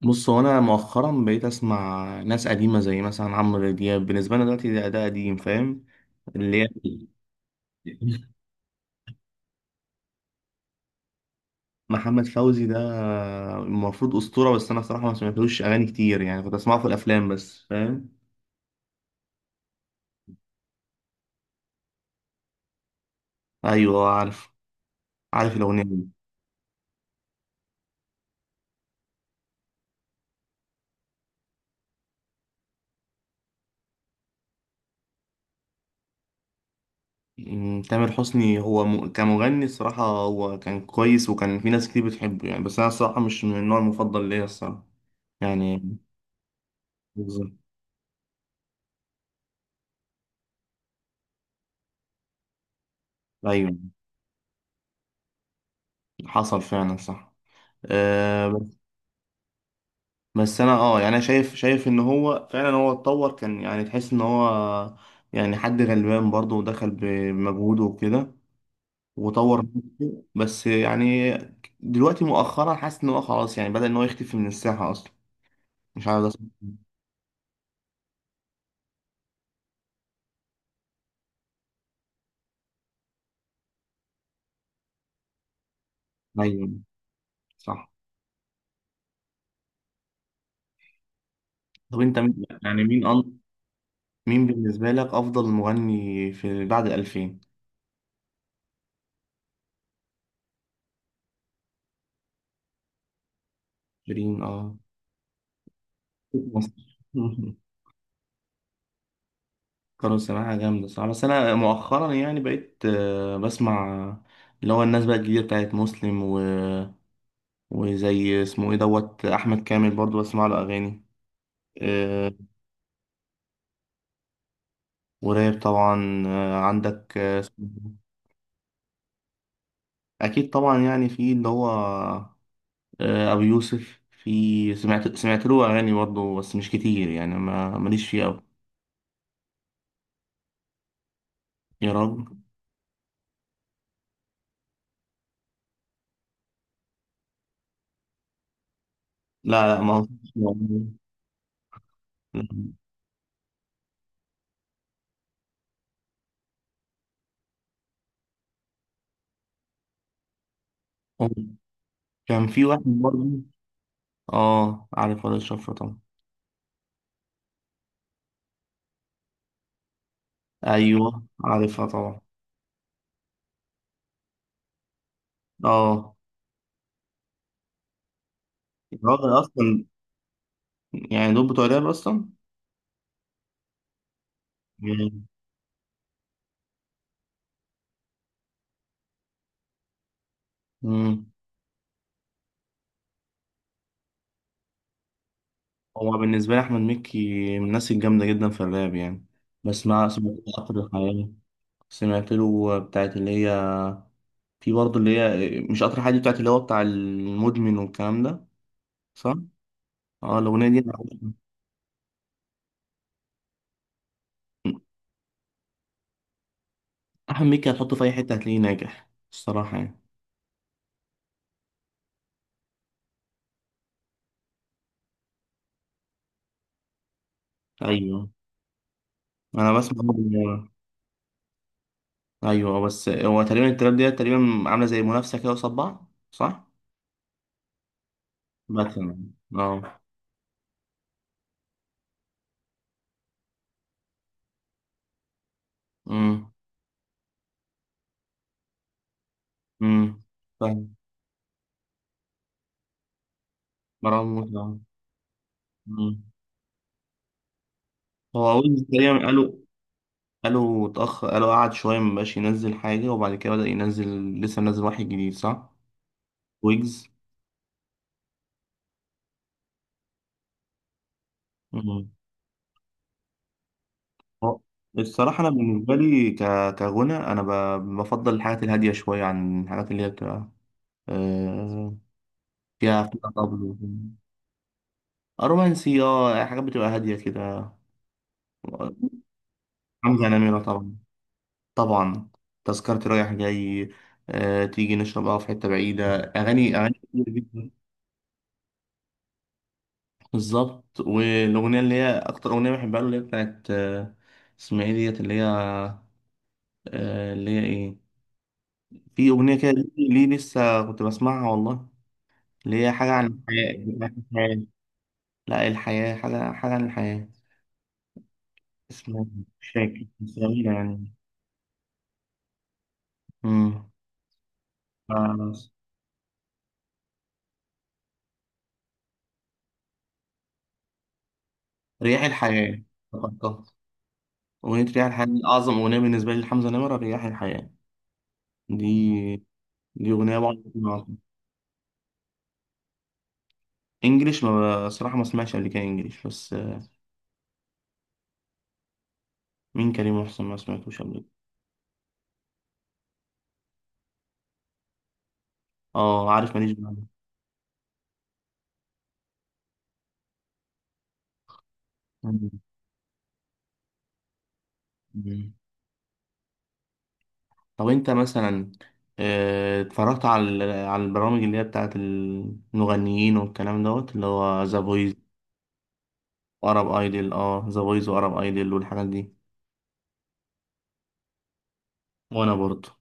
بص، هو انا مؤخرا بقيت اسمع ناس قديمه زي مثلا عمرو دياب، بالنسبه لنا دلوقتي ده قديم، فاهم؟ اللي هي محمد فوزي ده المفروض اسطوره، بس انا صراحه ما سمعتلوش اغاني كتير يعني، كنت اسمعه في الافلام بس، فاهم؟ ايوه عارف الاغنيه دي. تامر حسني هو كمغني الصراحه هو كان كويس، وكان في ناس كتير بتحبه يعني، بس انا الصراحه مش من النوع المفضل ليا الصراحه، يعني. بالظبط. ايوه، حصل فعلا، صح. آه، بس انا يعني انا شايف ان هو فعلا، هو اتطور، كان يعني تحس ان هو يعني حد غلبان برضه ودخل بمجهوده وكده، وطور نفسه، بس يعني دلوقتي مؤخرا حاسس ان هو خلاص، يعني بدأ ان هو يختفي من الساحة اصلا، مش عارف ده صح ولا. ايوه، صح. طب انت يعني مين بالنسبة لك افضل مغني في بعد 2000؟ شيرين، اه. مصر. كانوا سماعة جامدة، صح، بس أنا مؤخرا يعني بقيت بسمع اللي هو الناس بقى الجديدة بتاعت مسلم وزي اسمه ايه دوت أحمد كامل، برضو بسمع له أغاني. آه، وراب طبعا، عندك، اسمه إيه؟ أكيد طبعا، يعني في اللي هو أبو يوسف، في سمعت له أغاني برضو، بس مش كتير يعني، ما ماليش فيه أوي. يا رب. لا، لا، ما هو- كان في واحد برضو. اه عارف، ولا الشفرة طبعا. ايوه عارفها طبعا. اه، الراجل اصلا يعني دول بتوع الراب اصلا. يعني- مم. هو بالنسبه لي احمد مكي من الناس الجامده جدا في الراب يعني، بس ما سمعت له قطر الحياه. سمعت له بتاعت اللي هي، في برضه اللي هي مش قطر الحياه دي، بتاعت اللي هو بتاع المدمن والكلام ده، صح؟ اه، الاغنيه دي احمد مكي هتحطه في اي حته هتلاقيه ناجح الصراحه يعني. ايوه. انا بسمع. ايوه، بس هو تقريبا التراب ديت تقريبا عامله زي منافسه كده قصاد بعض، صح؟ باتمان. اه. امم امم فاهم. مروان موسى، آه. أمم. هو ويجز تقريبا قالوا اتأخر، قالوا قعد شويه مبقاش ينزل حاجه وبعد كده بدأ ينزل، لسه منزل واحد جديد، صح؟ ويجز. أمم. هو الصراحه انا بالنسبه لي كغنى انا بفضل الحاجات الهاديه شويه عن الحاجات اللي هي بتبقى آه، فيها طبل وكده. رومانسي، اه، حاجات بتبقى هاديه كده. حمزة نمرة طبعا، طبعا. تذكرتي رايح جاي، تيجي نشرب قهوة في حتة بعيدة، أغاني كتير جدا. بالظبط. والأغنية اللي هي أكتر أغنية بحبها له اللي هي بتاعت اسمها إيه ديت اللي هي اللي هي إيه، في أغنية كده، ليه ليه لسه كنت بسمعها والله، اللي هي حاجة عن الحياة. الحياة. لا، الحياة، حاجة عن الحياة، اسمها. مش فاكر بس جميلة يعني. امم. آه، رياح الحياة، افتكرتها. أغنية رياح الحياة دي أعظم أغنية بالنسبة لي لحمزة نمرة. رياح الحياة دي دي أغنية بقعد أسمعها على طول. إنجليش، ما صراحة ما سمعتش قبل كده إنجليش، بس مين كريم محسن؟ ما سمعتوش قبل كده. أه عارف، ماليش بعمل. مم. طب أنت مثلا اتفرجت على البرامج اللي هي بتاعت المغنيين والكلام دوت، اللي هو ذا فويس وأرب أيدل. أه، ذا فويس وأرب أيدل والحاجات دي. وأنا برضه.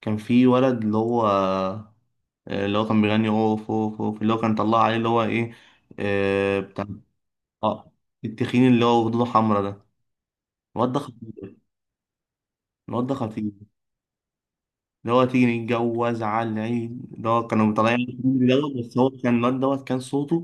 كان في ولد اللي هو اللي هو كان بيغني اوف اوف اوف، اللي هو كان طلع عليه اللي هو ايه، بتاع، اه التخين اللي هو خدوده حمرا ده. الواد ده خطير. الواد ده خطير. اللي هو تيجي نتجوز على العيد، اللي هو كانوا مطلعين دوت، بس هو كان الواد دوت كان صوته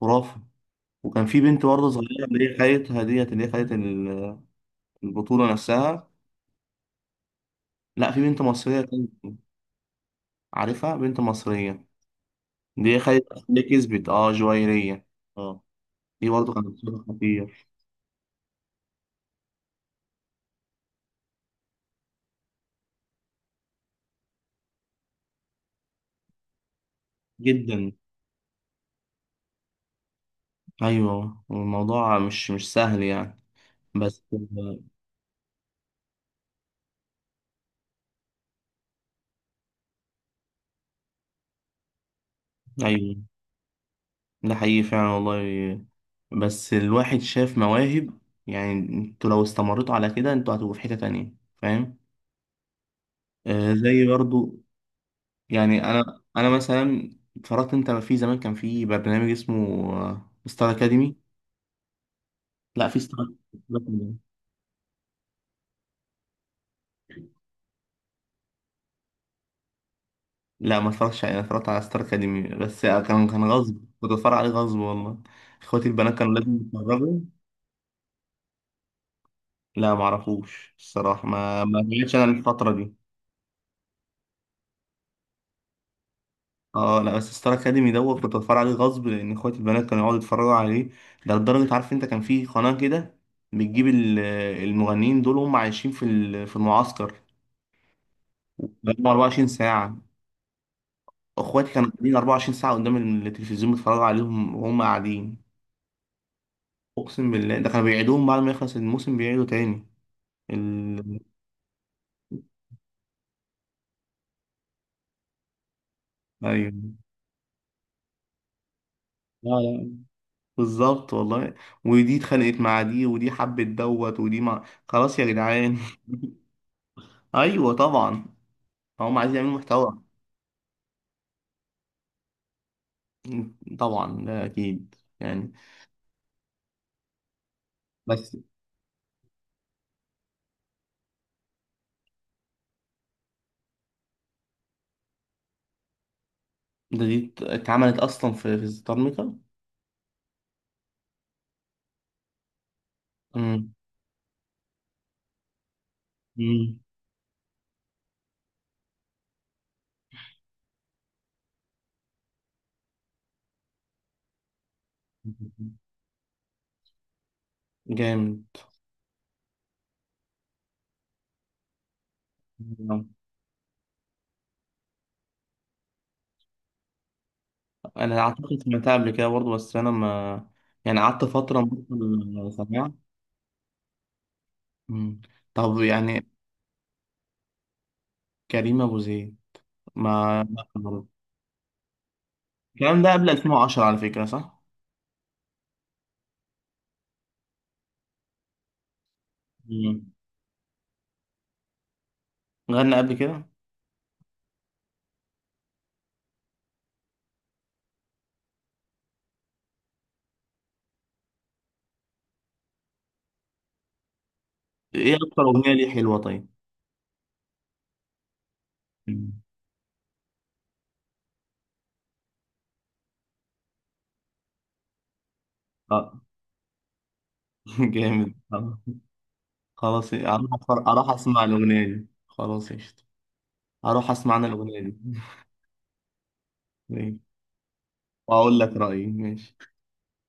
خرافي. وكان في بنت برضه صغيرة اللي هي خدتها ديت، اللي هي خدت البطولة نفسها. لا، في بنت مصرية كانت، عارفها، بنت مصرية دي خدت، اللي كسبت اه جويرية. اه، دي برضه كانت صوتها خطير جدا. ايوه، الموضوع مش سهل يعني. بس ايوه، ده حقيقي فعلا والله. بس الواحد شاف مواهب. يعني انتوا لو استمرتوا على كده انتوا هتبقوا في حتة تانية، فاهم؟ زي برضو. يعني انا مثلا اتفرجت انت في زمان كان في برنامج اسمه ستار اكاديمي. لا، في ستار. لا، ما اتفرجتش عليه. انا اتفرجت على ستار اكاديمي، بس كان غصب، كنت اتفرج عليه غصب والله. اخواتي البنات كانوا لازم يتفرجوا. لا، معرفوش الصراحة، ما جيتش أنا الفترة دي. اه، لا بس ستار اكاديمي دوت كنت بتفرج عليه غصب لان اخواتي البنات كانوا يقعدوا يتفرجوا عليه. ده لدرجه، عارف انت، كان في قناه كده بتجيب المغنيين دول وهم عايشين في المعسكر بقالهم 24 ساعه. اخواتي كانوا قاعدين 24 ساعه قدام التلفزيون بيتفرجوا عليهم وهم قاعدين. اقسم بالله، ده كانوا بيعيدوهم بعد ما يخلص الموسم بيعيدوا تاني ال... ايوه. لا، لا، بالظبط والله. ودي اتخانقت مع دي، ودي حبت دوت، ودي مع، خلاص يا جدعان. ايوه طبعا، هم عايزين يعملوا محتوى. طبعا ده اكيد يعني. بس دي اتعملت اصلا في ستار ميكر. امم أمم. جامد. انا اعتقد سمعتها قبل كده برضه، بس انا ما يعني قعدت فتره مبطل سماع. أمم. طب يعني كريم ابو زيد، ما ما- الكلام ده قبل 2010 على فكره، صح؟ مم. غنى قبل كده. ايه اكتر اغنيه ليه حلوه؟ طيب. مم. اه. جامد، آه. خلاص، إيه، اروح اسمع الاغنيه دي. خلاص قشطه. اروح اسمع انا الاغنيه دي. ماشي. واقول لك رايي. ماشي.